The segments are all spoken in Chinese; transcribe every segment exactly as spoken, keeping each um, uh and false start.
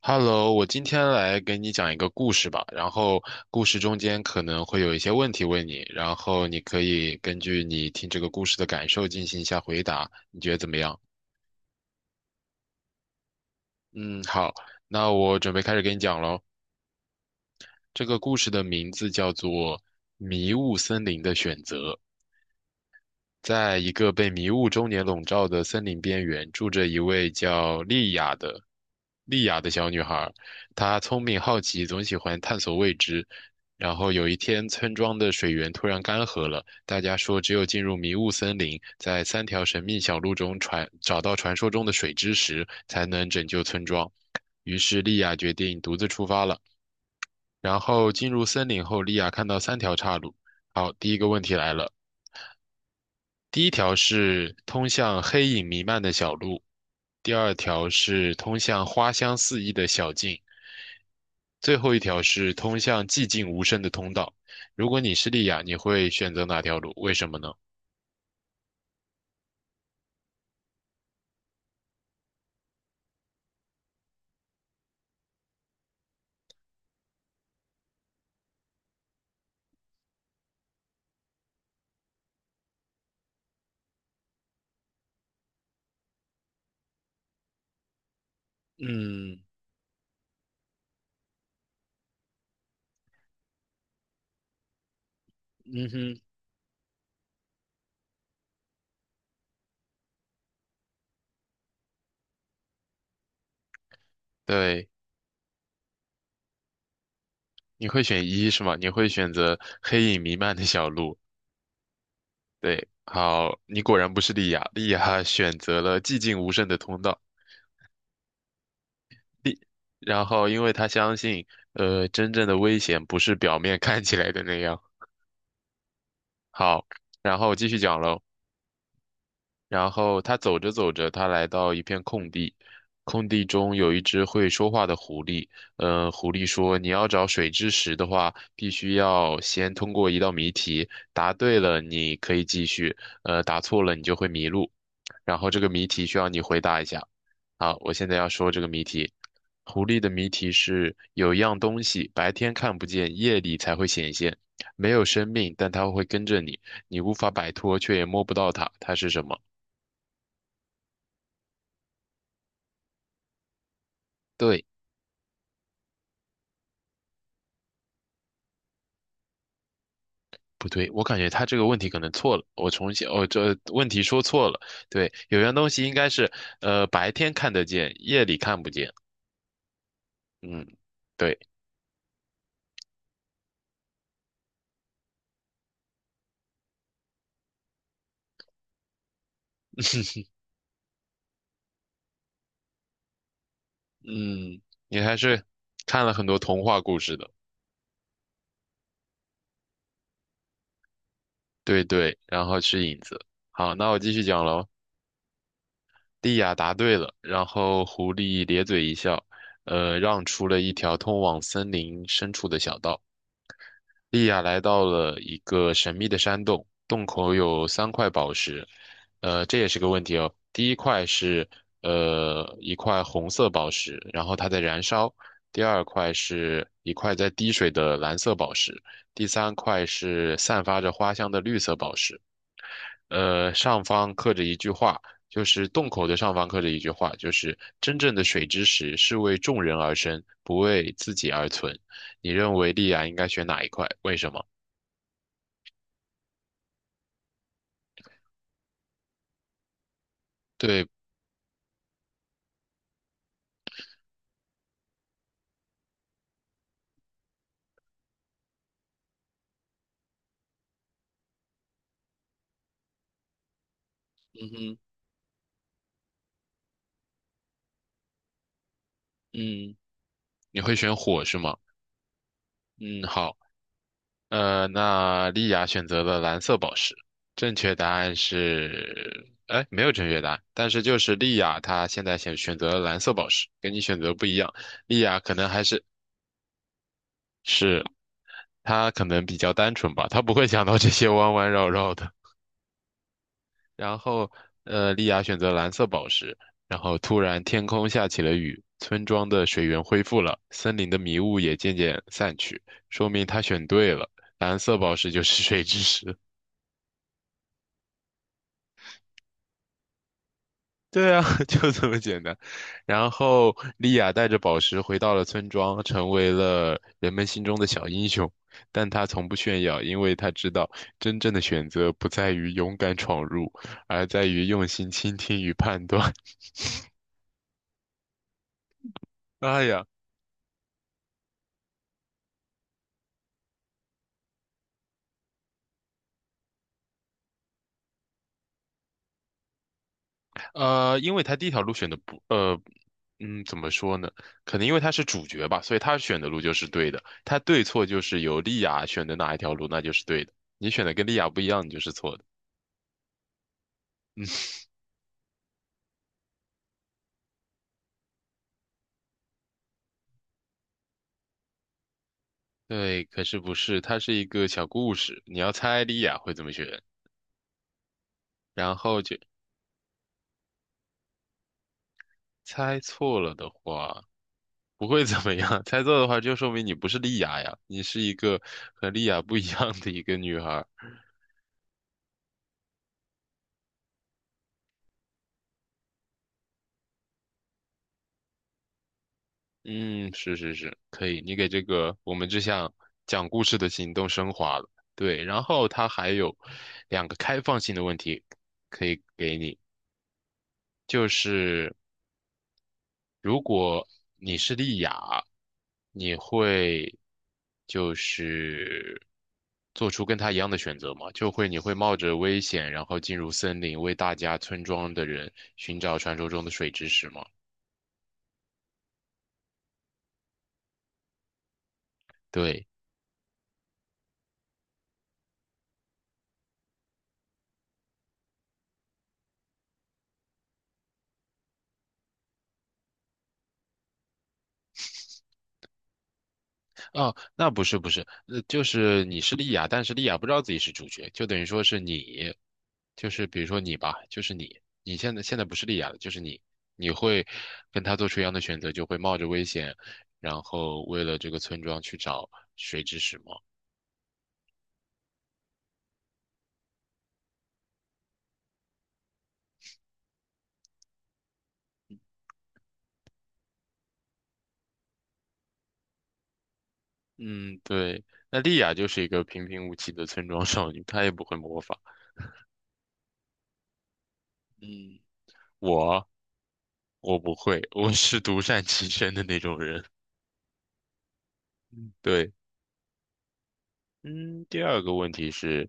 Hello，我今天来给你讲一个故事吧，然后故事中间可能会有一些问题问你，然后你可以根据你听这个故事的感受进行一下回答，你觉得怎么样？嗯，好，那我准备开始给你讲喽。这个故事的名字叫做《迷雾森林的选择》。在一个被迷雾终年笼罩的森林边缘，住着一位叫莉亚的莉亚的小女孩。她聪明好奇，总喜欢探索未知。然后有一天，村庄的水源突然干涸了，大家说只有进入迷雾森林，在三条神秘小路中传找到传说中的水之石，才能拯救村庄。于是莉亚决定独自出发了。然后进入森林后，莉亚看到三条岔路。好，第一个问题来了。第一条是通向黑影弥漫的小路，第二条是通向花香四溢的小径，最后一条是通向寂静无声的通道。如果你是莉亚，你会选择哪条路？为什么呢？嗯嗯哼，对，你会选一是吗？你会选择黑影弥漫的小路。对，好，你果然不是莉亚，莉亚选择了寂静无声的通道。莉，然后因为她相信，呃，真正的危险不是表面看起来的那样。好，然后继续讲喽。然后他走着走着，他来到一片空地，空地中有一只会说话的狐狸。嗯，狐狸说：“你要找水之石的话，必须要先通过一道谜题，答对了你可以继续，呃，答错了你就会迷路。”然后这个谜题需要你回答一下。好，我现在要说这个谜题。狐狸的谜题是有样东西白天看不见，夜里才会显现，没有生命，但它会跟着你，你无法摆脱，却也摸不到它，它是什么？对，不对？我感觉他这个问题可能错了，我重新，哦，这问题说错了。对，有样东西应该是，呃，白天看得见，夜里看不见。嗯，对，嗯，你还是看了很多童话故事的。对对，然后是影子。好，那我继续讲喽。莉亚答对了，然后狐狸咧嘴一笑，呃，让出了一条通往森林深处的小道。莉亚来到了一个神秘的山洞，洞口有三块宝石，呃，这也是个问题哦。第一块是呃一块红色宝石，然后它在燃烧；第二块是一块在滴水的蓝色宝石；第三块是散发着花香的绿色宝石。呃，上方刻着一句话，就是洞口的上方刻着一句话，就是真正的水之石是为众人而生，不为自己而存。你认为莉亚应该选哪一块？为什么？对，嗯哼，嗯，你会选火是吗？嗯，好，呃，那莉亚选择了蓝色宝石，正确答案是，哎，没有正确答案，但是就是莉亚她现在选选择了蓝色宝石，跟你选择不一样，莉亚可能还是是他可能比较单纯吧，他不会想到这些弯弯绕绕的。然后，呃，莉亚选择蓝色宝石，然后突然天空下起了雨，村庄的水源恢复了，森林的迷雾也渐渐散去，说明他选对了，蓝色宝石就是水之石。对啊，就这么简单。然后，莉亚带着宝石回到了村庄，成为了人们心中的小英雄。但她从不炫耀，因为她知道真正的选择不在于勇敢闯入，而在于用心倾听与判断。哎呀，呃，因为她第一条路选的不，呃，嗯，怎么说呢？可能因为她是主角吧，所以她选的路就是对的。她对错就是由莉亚选的哪一条路，那就是对的。你选的跟莉亚不一样，你就是错的。对，可是不是，它是一个小故事，你要猜莉亚会怎么选，然后就猜错了的话不会怎么样，猜错的话就说明你不是莉亚呀，你是一个和莉亚不一样的一个女孩儿。嗯，是是是，可以，你给这个我们这项讲故事的行动升华了。对，然后它还有两个开放性的问题可以给你，就是。如果你是莉雅，你会就是做出跟他一样的选择吗？就会你会冒着危险，然后进入森林，为大家村庄的人寻找传说中的水之石吗？对。哦，那不是不是，呃，就是你是莉亚，但是莉亚不知道自己是主角，就等于说是你，就是比如说你吧，就是你，你现在现在不是莉亚了，就是你，你会跟他做出一样的选择，就会冒着危险，然后为了这个村庄去找水之石吗？嗯，对，那莉亚就是一个平平无奇的村庄少女，她也不会魔法。嗯，我我不会，我是独善其身的那种人。嗯对，嗯，第二个问题是。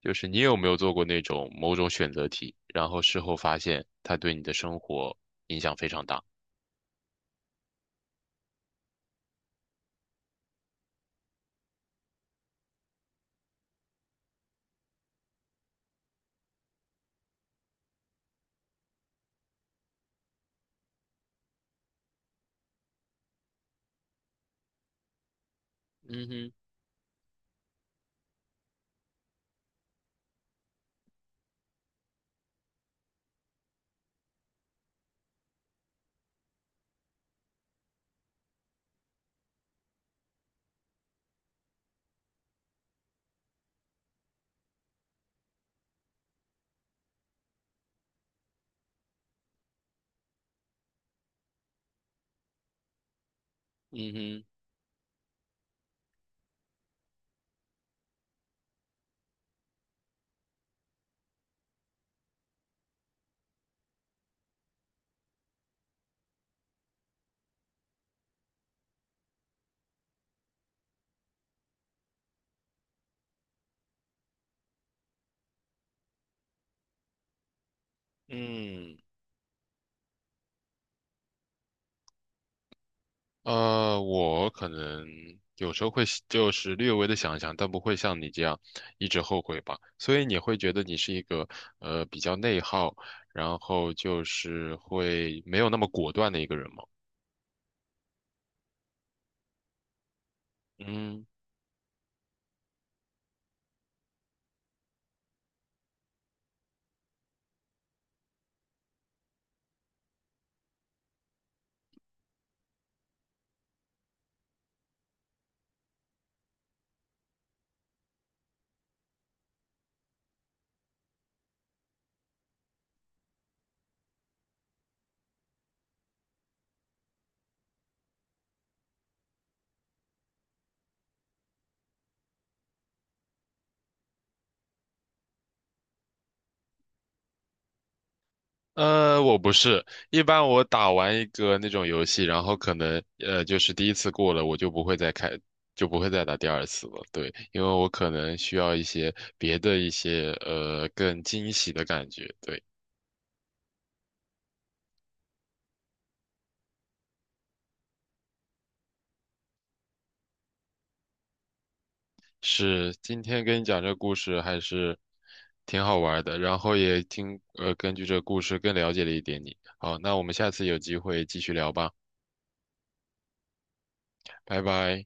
就是你有没有做过那种某种选择题，然后事后发现它对你的生活影响非常大？嗯哼，嗯哼，嗯，呃，我可能有时候会就是略微的想一想，但不会像你这样一直后悔吧。所以你会觉得你是一个呃比较内耗，然后就是会没有那么果断的一个人吗？嗯。呃，我不是，一般我打完一个那种游戏，然后可能呃，就是第一次过了，我就不会再开，就不会再打第二次了。对，因为我可能需要一些别的一些呃更惊喜的感觉。对，是今天跟你讲这个故事还是挺好玩的，然后也听呃根据这个故事更了解了一点你。好，那我们下次有机会继续聊吧，拜拜。